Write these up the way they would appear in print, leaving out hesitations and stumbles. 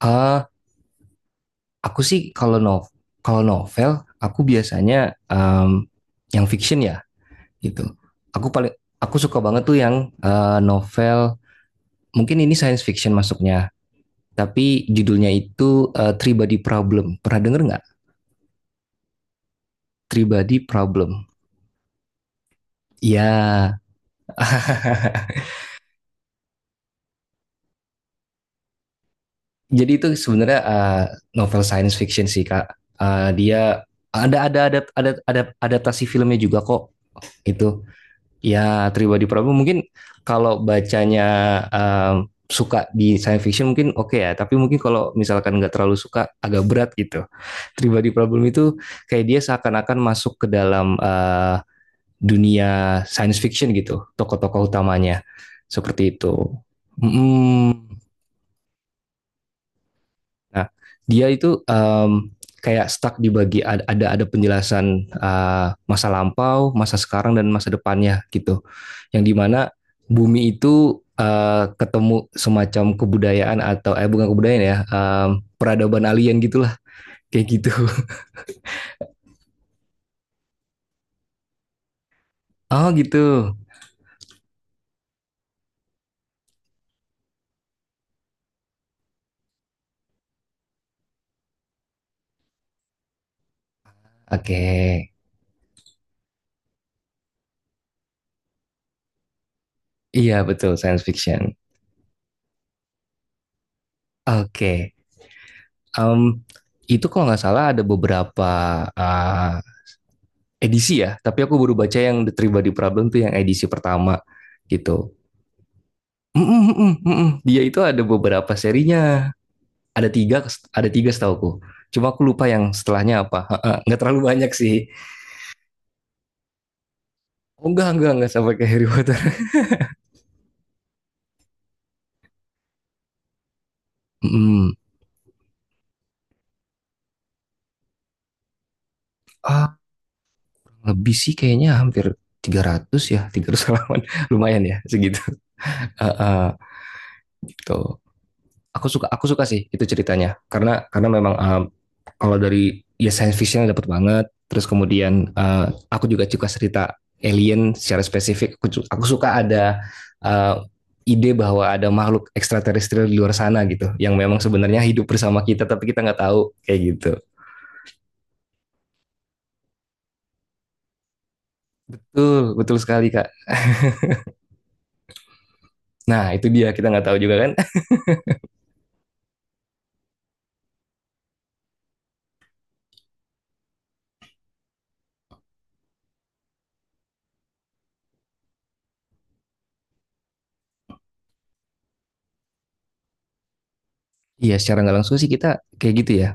Eh, aku sih kalau novel aku biasanya em, yang fiction ya gitu. Aku paling aku suka banget tuh yang novel mungkin ini science fiction masuknya tapi judulnya itu Three Body Problem. Pernah denger nggak? Three Body Problem. Iya. Jadi itu sebenarnya novel science fiction sih, Kak. Dia ada adaptasi filmnya juga kok itu. Ya, Tribadi Prabu mungkin kalau bacanya suka di science fiction mungkin oke okay ya, tapi mungkin kalau misalkan nggak terlalu suka agak berat gitu. Tribadi Prabu itu kayak dia seakan-akan masuk ke dalam dunia science fiction gitu, tokoh-tokoh utamanya seperti itu. Mm-mm. Nah, dia itu kayak stuck di bagi ada penjelasan masa lampau, masa sekarang, dan masa depannya gitu. Yang dimana bumi itu ketemu semacam kebudayaan atau bukan kebudayaan ya, peradaban alien gitulah kayak gitu. Oh gitu. Oke, iya, betul science fiction. Oke, um, itu kalau nggak salah ada beberapa uh, edisi ya, tapi aku baru baca yang The Three Body Problem tuh yang edisi pertama gitu. Mm, mm, mm, mm, mm. Dia itu ada beberapa serinya. Ada tiga ada tiga setahuku, cuma aku lupa yang setelahnya apa. Nggak terlalu banyak sih. Oh, enggak sampai kayak Harry Potter. hmm, ah lebih sih kayaknya hampir 300, ya 300 halaman. Lumayan ya segitu. uh, uh, gitu. Aku suka, sih itu ceritanya karena memang kalau dari ya science fiction dapat banget, terus kemudian aku juga suka cerita alien. Secara spesifik aku suka ada eh, ide bahwa ada makhluk ekstraterestrial di luar sana gitu, yang memang sebenarnya hidup bersama kita tapi kita nggak tahu kayak gitu. Betul betul sekali, Kak. Nah, itu dia, kita nggak tahu juga kan. Iya, secara nggak langsung sih kita kayak gitu ya.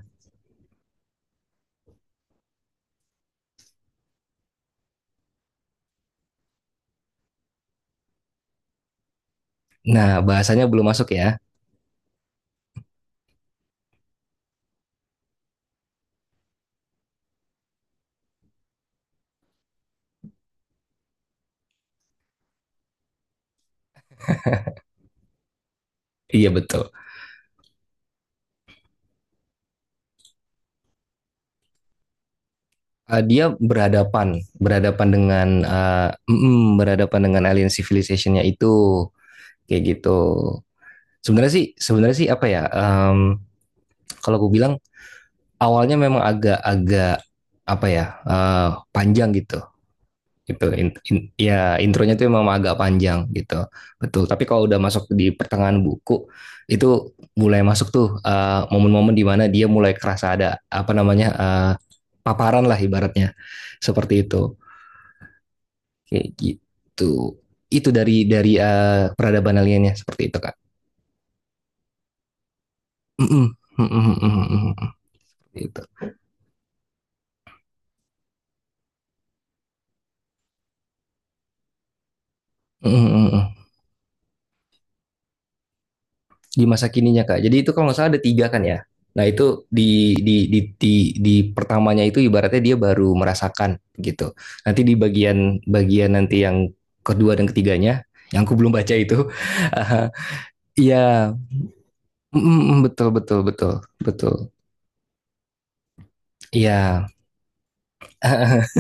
Nah, bahasanya belum masuk ya. Iya, betul. Dia berhadapan berhadapan dengan eh, mm, mm, berhadapan dengan alien civilizationnya itu kayak gitu. Sebenarnya sih apa ya? Kalau gue bilang awalnya memang agak-agak apa ya, eh, panjang gitu. Gitu. Ya, intronya tuh memang agak panjang gitu. Betul. Tapi kalau udah masuk di pertengahan buku itu, mulai masuk tuh momen-momen di mana dia mulai kerasa ada apa namanya, paparan lah ibaratnya. Seperti itu. Kayak gitu. Itu dari peradaban aliennya seperti itu, Kak. Mm-mm, mm-mm, mm-mm. Gitu. Mhm mhm. Di masa kininya, Kak. Jadi itu kalau nggak salah ada 3 kan ya? Nah itu di di di di di pertamanya itu ibaratnya dia baru merasakan gitu. Nanti di bagian bagian nanti yang kedua dan ketiganya, yang aku belum baca itu, iya, mhm mhm, betul betul betul betul, iya,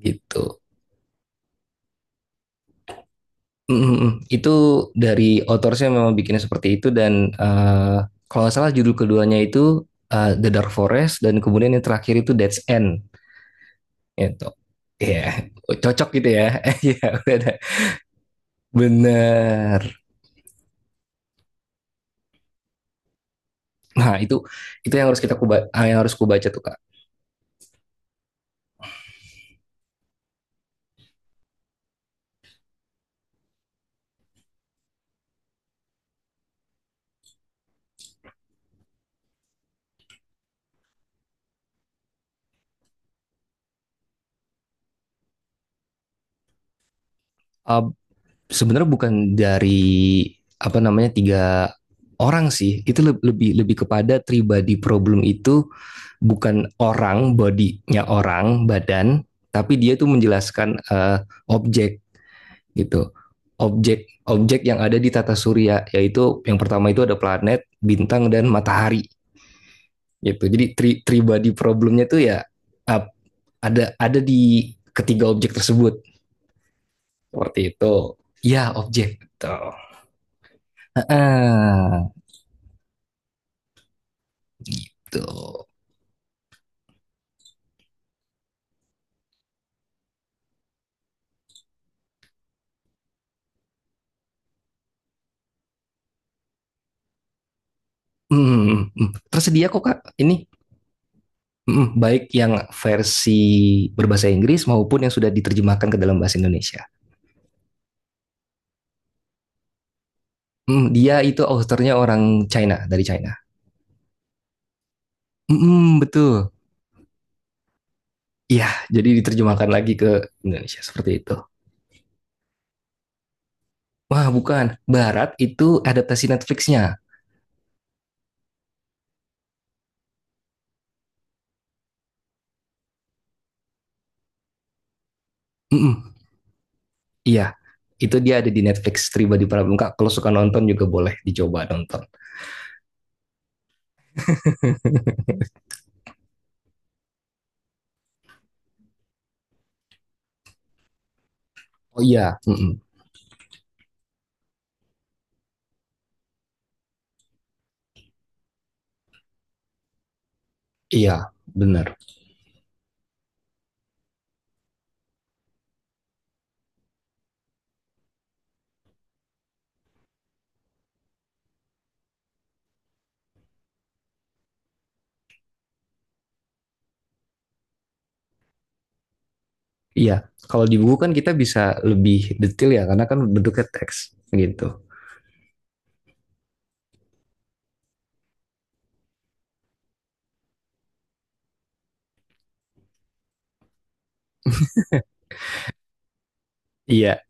gitu. Mhm mhm. Itu dari author-nya memang bikinnya seperti itu dan, kalau nggak salah judul keduanya itu, The Dark Forest dan kemudian yang terakhir itu Death's End. Itu. Iya, cocok gitu ya. Iya, udah ada. Bener. Nah, itu yang harus kubaca tuh, Kak. Eh, sebenarnya bukan dari apa namanya tiga orang sih. Itu le- lebih lebih kepada tribadi problem itu bukan orang, bodinya orang, badan, tapi dia tuh menjelaskan objek gitu. Objek objek yang ada di tata surya, yaitu yang pertama itu ada planet, bintang, dan matahari gitu. Jadi tribadi problemnya tuh ya ada di ketiga objek tersebut seperti itu, ya objek tuh. Heeh, gitu. Hmm, hmm. Tersedia kok, Kak, ini. Hmm, baik yang versi berbahasa Inggris maupun yang sudah diterjemahkan ke dalam bahasa Indonesia. Hmm, dia itu authornya orang China, dari China. Hmm, betul. Iya, jadi diterjemahkan lagi ke Indonesia seperti itu. Wah, bukan. Barat itu adaptasi Netflix-nya. Mm-mm, iya, itu dia ada di Netflix Tribadi Prabun, Kak. Kalau suka nonton juga boleh dicoba nonton. Oh iya, mm-mm. Iya, benar. Iya, kalau di buku kan kita bisa lebih detail ya, karena kan bentuknya teks gitu. Iya,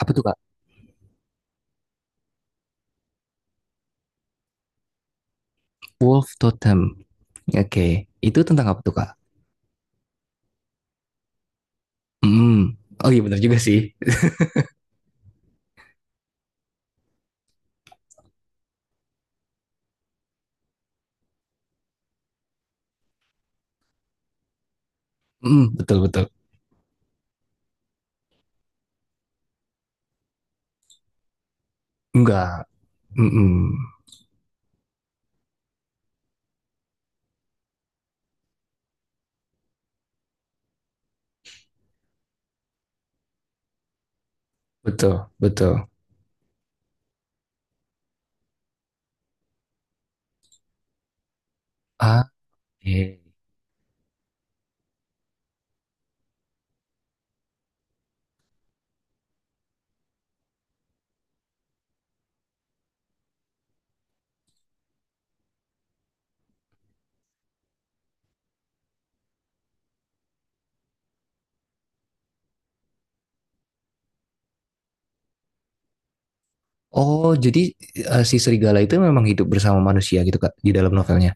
apa tuh, Kak? Wolf Totem. Oke, itu tentang apa tuh, Kak? Mm. Oh iya benar juga sih. Mm, betul betul. Enggak. Mm-mm. Betul betul. Ah, eh. Oh, jadi si serigala itu memang hidup bersama manusia gitu, Kak, di dalam novelnya.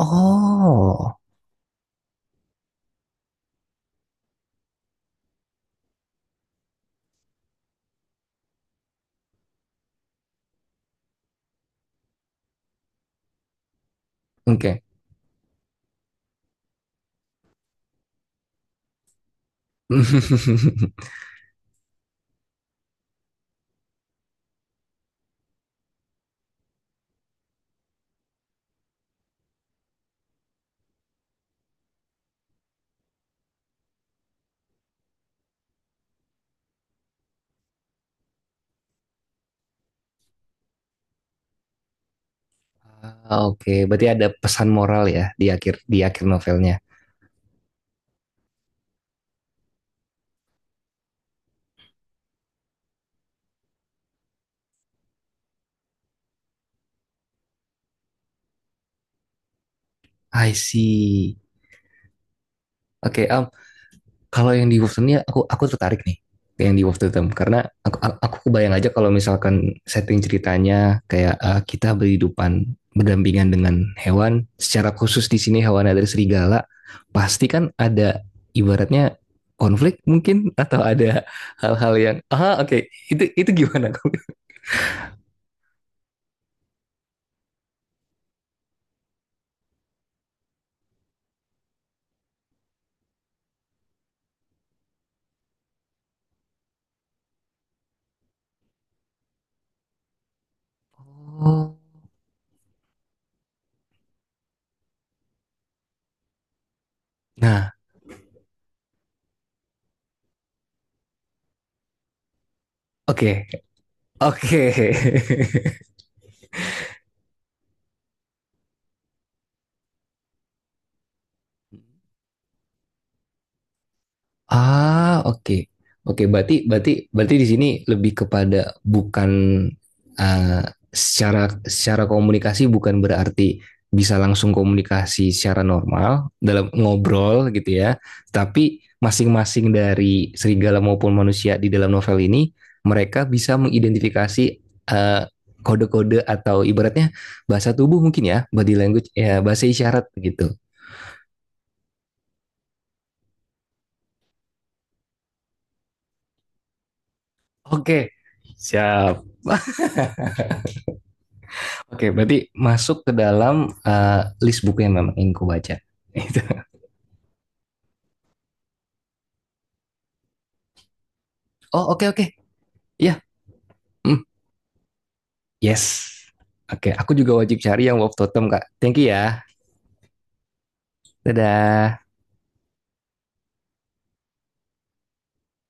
Oh, oke. Ah, oke, berarti ada pesan moral ya, di akhir, di akhir novelnya. I see. Oke, kalau yang di Wolverton ya aku tertarik nih ke yang di Wolverton karena aku kebayang aja kalau misalkan setting ceritanya kayak kita berhidupan berdampingan dengan hewan, secara khusus di sini hewannya dari serigala, pasti kan ada ibaratnya konflik mungkin atau ada hal-hal yang oke. Itu gimana? Oh. Nah, oke, oke. Ah, oke. Oke, berarti berarti berarti di sini lebih kepada bukan eh, secara secara komunikasi, bukan berarti bisa langsung komunikasi secara normal dalam ngobrol gitu ya. Tapi masing-masing dari serigala maupun manusia di dalam novel ini mereka bisa mengidentifikasi eh, kode-kode atau ibaratnya bahasa tubuh mungkin ya, body language ya, bahasa isyarat gitu. Oke, siap. Oke, berarti masuk ke dalam list buku yang memang ingin ku baca. Itu. Oh, oke oke. Iya. Hmm, yes. Oke, aku juga wajib cari yang Wolf Totem, Kak. Thank you ya. Dadah.